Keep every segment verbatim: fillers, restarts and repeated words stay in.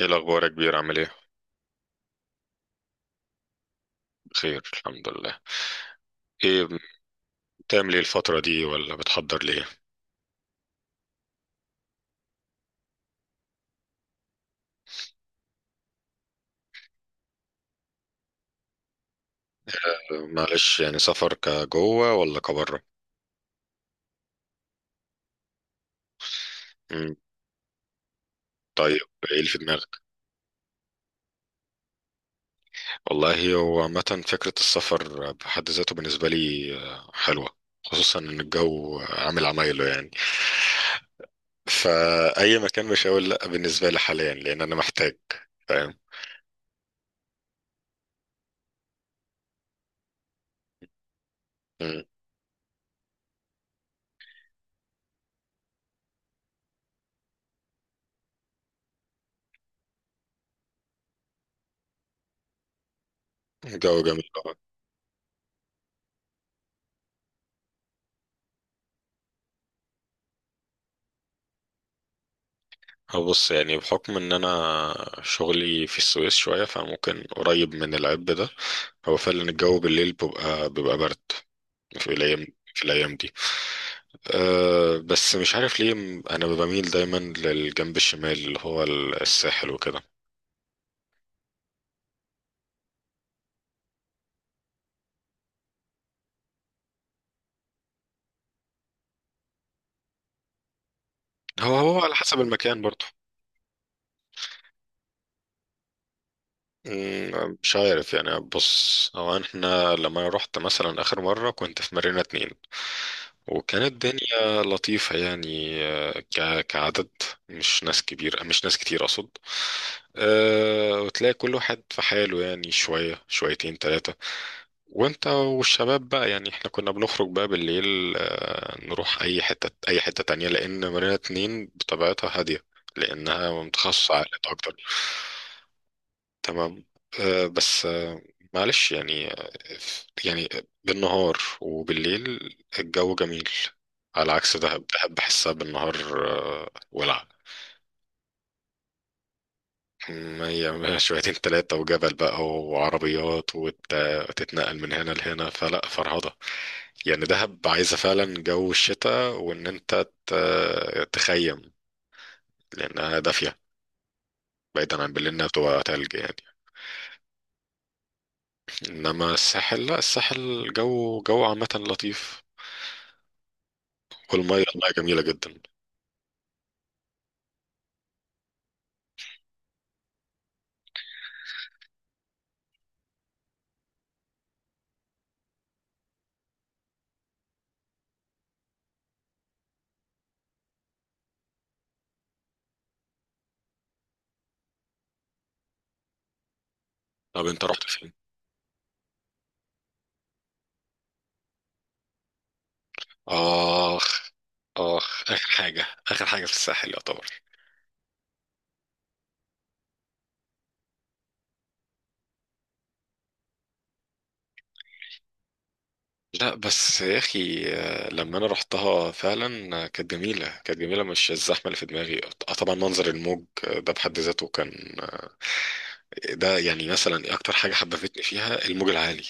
ايه الاخبار يا كبير، عامل ايه؟ بخير، الحمد لله. ايه؟ بتعمل ايه الفتره دي ولا بتحضر ليه؟ آه، معلش يعني، سفر كجوه ولا كبره؟ مم، طيب، ايه اللي في دماغك؟ والله هو عامه فكره السفر بحد ذاته بالنسبه لي آه، حلوه. خصوصا ان الجو عامل عمايله يعني، فاي مكان مش هقول لا بالنسبه لي حاليا، لان انا محتاج. فاهم. مم، الجو جميل. أه، بص يعني بحكم ان انا شغلي في السويس شوية فممكن قريب من العب ده. هو فعلا الجو بالليل بيبقى بيبقى برد في الايام، في الايام دي. أه بس مش عارف ليه، م- انا بميل دايما للجنب الشمال اللي هو الساحل وكده. هو هو على حسب المكان برضه. مم، مش عارف يعني، بص هو احنا لما انا رحت مثلا اخر مرة كنت في مارينا اتنين، وكانت الدنيا لطيفة يعني، آه، ك- كعدد، مش ناس كبيرة، مش ناس كتير اقصد. أه، وتلاقي كل واحد في حاله يعني، شوية شويتين تلاتة. وانت والشباب بقى يعني احنا كنا بنخرج بقى بالليل، آه، نروح اي حتة، اي حتة تانية، لان مارينا اتنين بطبيعتها هادية، لانها متخصصة عائلات اكتر. تمام. آه، بس آه، معلش يعني آه، يعني بالنهار وبالليل الجو جميل، على عكس دهب. دهب بحسها بالنهار آه، ولع. مية مية، شويتين تلاتة وجبل بقى وعربيات وت- وتتنقل من هنا لهنا فلا فرهضة يعني. دهب عايزة فعلا جو الشتاء، وإن أنت ت- تخيم، لأنها دافية، بعيدا عن بالليل إنها بتبقى تلج يعني. إنما الساحل لا، الساحل جو جو عامة لطيف، والمية المية جميلة جدا. طب انت رحت فين؟ آخ، آخ آخر حاجة، آخر حاجة في الساحل يعتبر. لا بس يا أخي، آه، لما أنا رحتها فعلا آه، كانت جميلة، كانت جميلة، مش الزحمة اللي في دماغي. آه، طبعا منظر الموج آه، ده بحد ذاته كان آه، ده يعني مثلا أكتر حاجة حببتني فيها الموج العالي.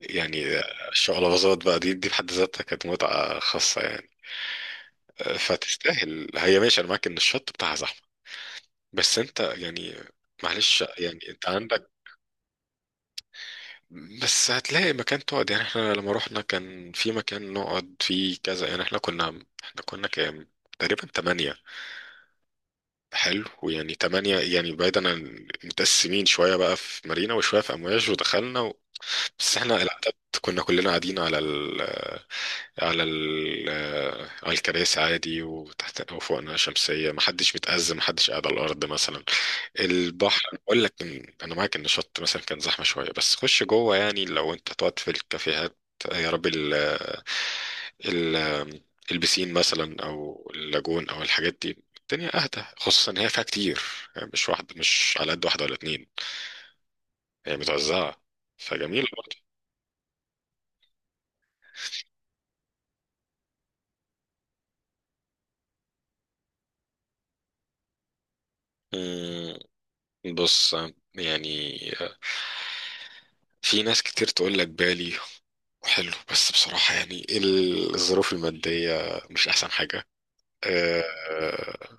يعني آه، الشقلباظات بقى دي دي بحد ذاتها كانت متعة خاصة يعني. آه، فتستاهل، هي ماشي أنا معاك إن الشط بتاعها زحمة، بس أنت يعني، معلش يعني أنت عندك. بس هتلاقي مكان تقعد يعني، احنا لما رحنا كان في مكان نقعد فيه كذا يعني، احنا كنا احنا كنا كام؟ تقريبا تمانية. حلو، ويعني تمانية يعني بعيدا عن، متقسمين شوية بقى في مارينا وشوية في أمواج ودخلنا و... بس احنا العدد كنا كلنا قاعدين على ال على ال على الكراسي عادي، وتحت وفوقنا شمسية، محدش متأزم، محدش قاعد على الأرض مثلا. البحر، أنا بقول لك إن- انا معاك ان الشط مثلا كان زحمه شويه، بس خش جوه يعني، لو انت تقعد في الكافيهات، يا رب ال ال البسين مثلا او اللاجون او الحاجات دي، الدنيا اهدى، خصوصا ان هي فيها كتير يعني، مش واحده، مش على قد واحده ولا اتنين، هي متوزعه، فجميل برضه. أمم، بص يعني، في ناس كتير تقول لك بالي حلو، بس بصراحة يعني الظروف المادية مش أحسن حاجة. آه،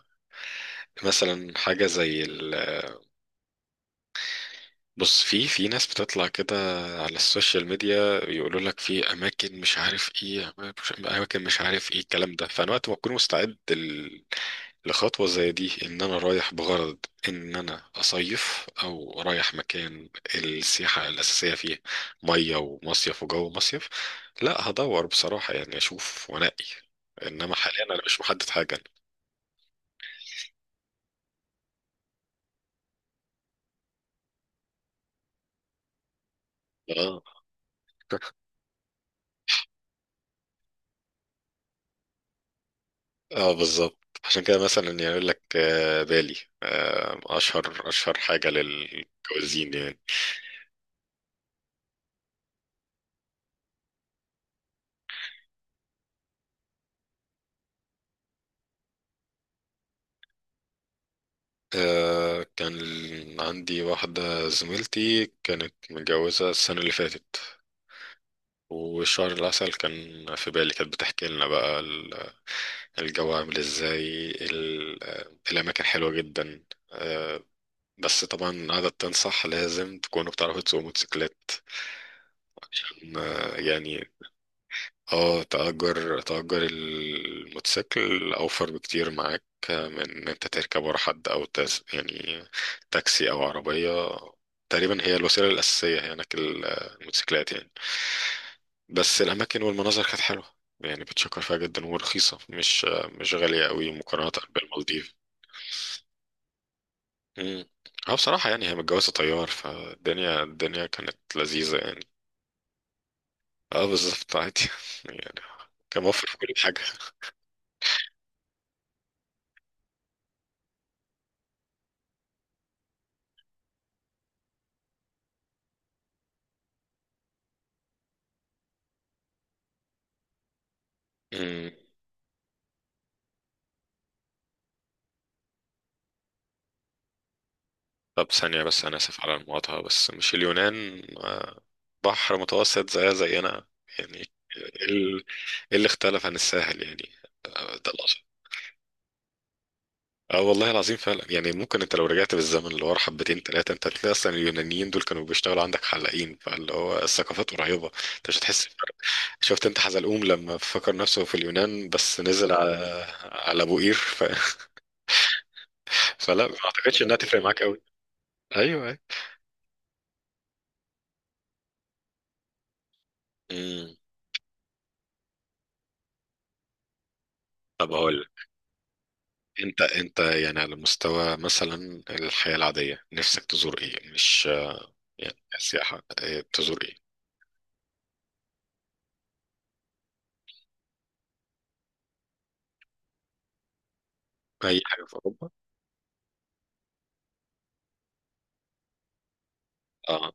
مثلا حاجة زي ال... بص، في في ناس بتطلع كده على السوشيال ميديا، يقولوا لك في أماكن مش عارف إيه، أماكن أماكن مش عارف إيه الكلام ده. فأنا وقت ما أكون مستعد ال... لخطوة زي دي، إن أنا رايح بغرض إن أنا أصيف أو رايح مكان السياحة الأساسية فيه مية ومصيف وجو مصيف، لا هدور بصراحة يعني أشوف وأنقي، إنما حاليا أنا مش محدد حاجة. آه. اه بالظبط، عشان كده مثلا يعني يقول لك آه، بالي آه، اشهر اشهر حاجه للمتجوزين يعني. آه، كان عندي واحده زميلتي كانت متجوزه السنه اللي فاتت، وشهر العسل كان في بالي، كانت بتحكي لنا بقى ال- الجو عامل ازاي، ال- آه، الاماكن حلوه جدا. آه، بس طبعا قعدت تنصح، لازم تكونوا بتعرفوا تسوقوا موتوسيكلات، عشان آه، يعني. اه، تأجر تأجر الموتوسيكل أوفر بكتير معاك، من إن أنت تركب ورا حد أو تس يعني تاكسي أو عربية، تقريبا هي الوسيلة الأساسية هناك ال- الموتوسيكلات يعني. بس الأماكن والمناظر كانت حلوة يعني، بتشكر فيها جدا، ورخيصة، مش مش غالية قوي مقارنة بالمالديف. مم. اه بصراحة يعني هي متجوزة طيار، فالدنيا، الدنيا كانت لذيذة يعني. اه بالظبط، عادي يعني. كان موفر في كل حاجة. طب ثانية بس، أنا آسف على المقاطعة، بس مش اليونان آه، بحر متوسط زيها زينا يعني. ال- إيه اللي اختلف عن الساحل يعني؟ آه، ده الأصل. اه والله العظيم، فعلا يعني ممكن انت لو رجعت بالزمن اللي ورا حبتين ثلاثة، انت هتلاقي اصلا اليونانيين دول كانوا بيشتغلوا عندك حلاقين، فاللي هو الثقافات قريبة، انت مش هتحس بفرق. شفت انت حزلقوم لما فكر نفسه في اليونان بس نزل على على ابو قير ف... فلا، ما اعتقدش انها تفرق معاك قوي. ايوه ايوه. مم. طب هقول، انت انت يعني على مستوى مثلا الحياة العادية نفسك تزور ايه؟ مش يعني سياحة، اه، تزور ايه؟ اي حاجة في اوروبا. اه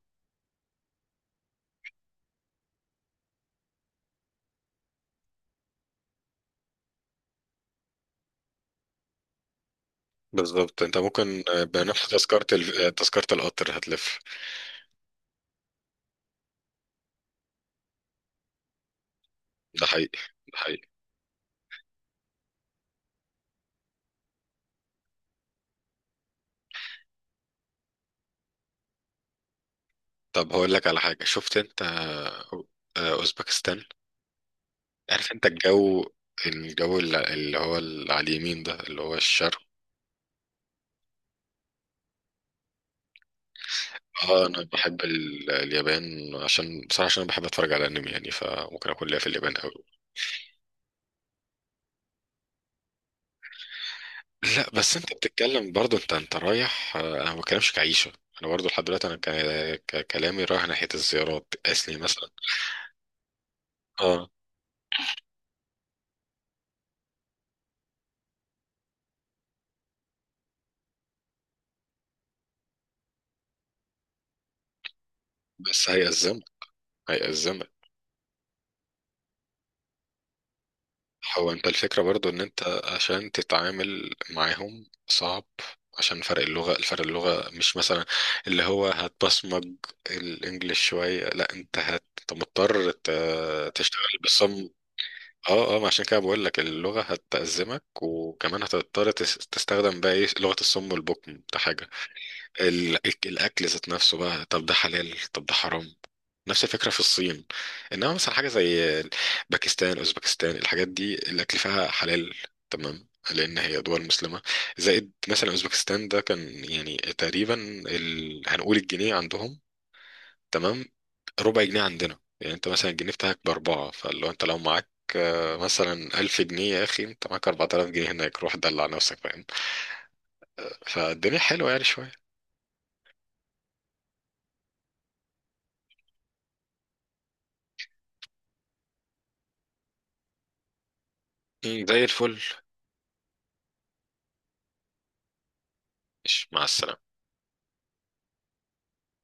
بالظبط، انت ممكن اه، بنفس تذكرة ال- اه، تذكرة القطر هتلف. ده حقيقي. ده حقيقي. طب هقول لك على حاجة، شفت انت اه، آه، اوزبكستان. عارف انت الجو، الجو الل- اللي هو اللي على اليمين ده اللي هو الشرق. اه انا بحب ال- اليابان، عشان بصراحة عشان انا بحب اتفرج على انمي يعني، فممكن اكون ليا في اليابان قوي. لا بس انت بتتكلم برضو، انت انت رايح، آه، انا ما بتكلمش كعيشه. انا برضو لحد دلوقتي انا ك- ك- كلامي رايح ناحيه الزيارات اسلي مثلا. اه بس هيأزمك، هيأزمك. هو انت الفكره برضو ان انت عشان تتعامل معاهم صعب، عشان فرق اللغه، الفرق اللغه مش مثلا اللي هو هتبصمج الانجليش شويه، لا انت هت- أنت مضطر ت- تشتغل. اه اه، ما عشان كده بقول لك اللغة هتأزمك، وكمان هتضطر تس- تستخدم بقى ايه، لغة الصم والبكم ده حاجة. ال- الأكل ذات نفسه بقى، طب ده حلال طب ده حرام. نفس الفكرة في الصين. إنما مثلا حاجة زي باكستان، أوزبكستان، الحاجات دي الأكل فيها حلال، تمام، لأن هي دول مسلمة. زائد مثلا أوزبكستان ده كان يعني تقريبا ال... هنقول الجنيه عندهم تمام ربع جنيه عندنا، يعني انت مثلا الجنيه بتاعك باربعة، فلو انت لو معاك آه، مثلا ألف جنيه، يا أخي أنت معاك أربعة آلاف جنيه هناك، روح دلع نفسك، فاهم؟ فالدنيا حلوة يعني شوية. مم، زي الفل. ماشي، مع السلامة.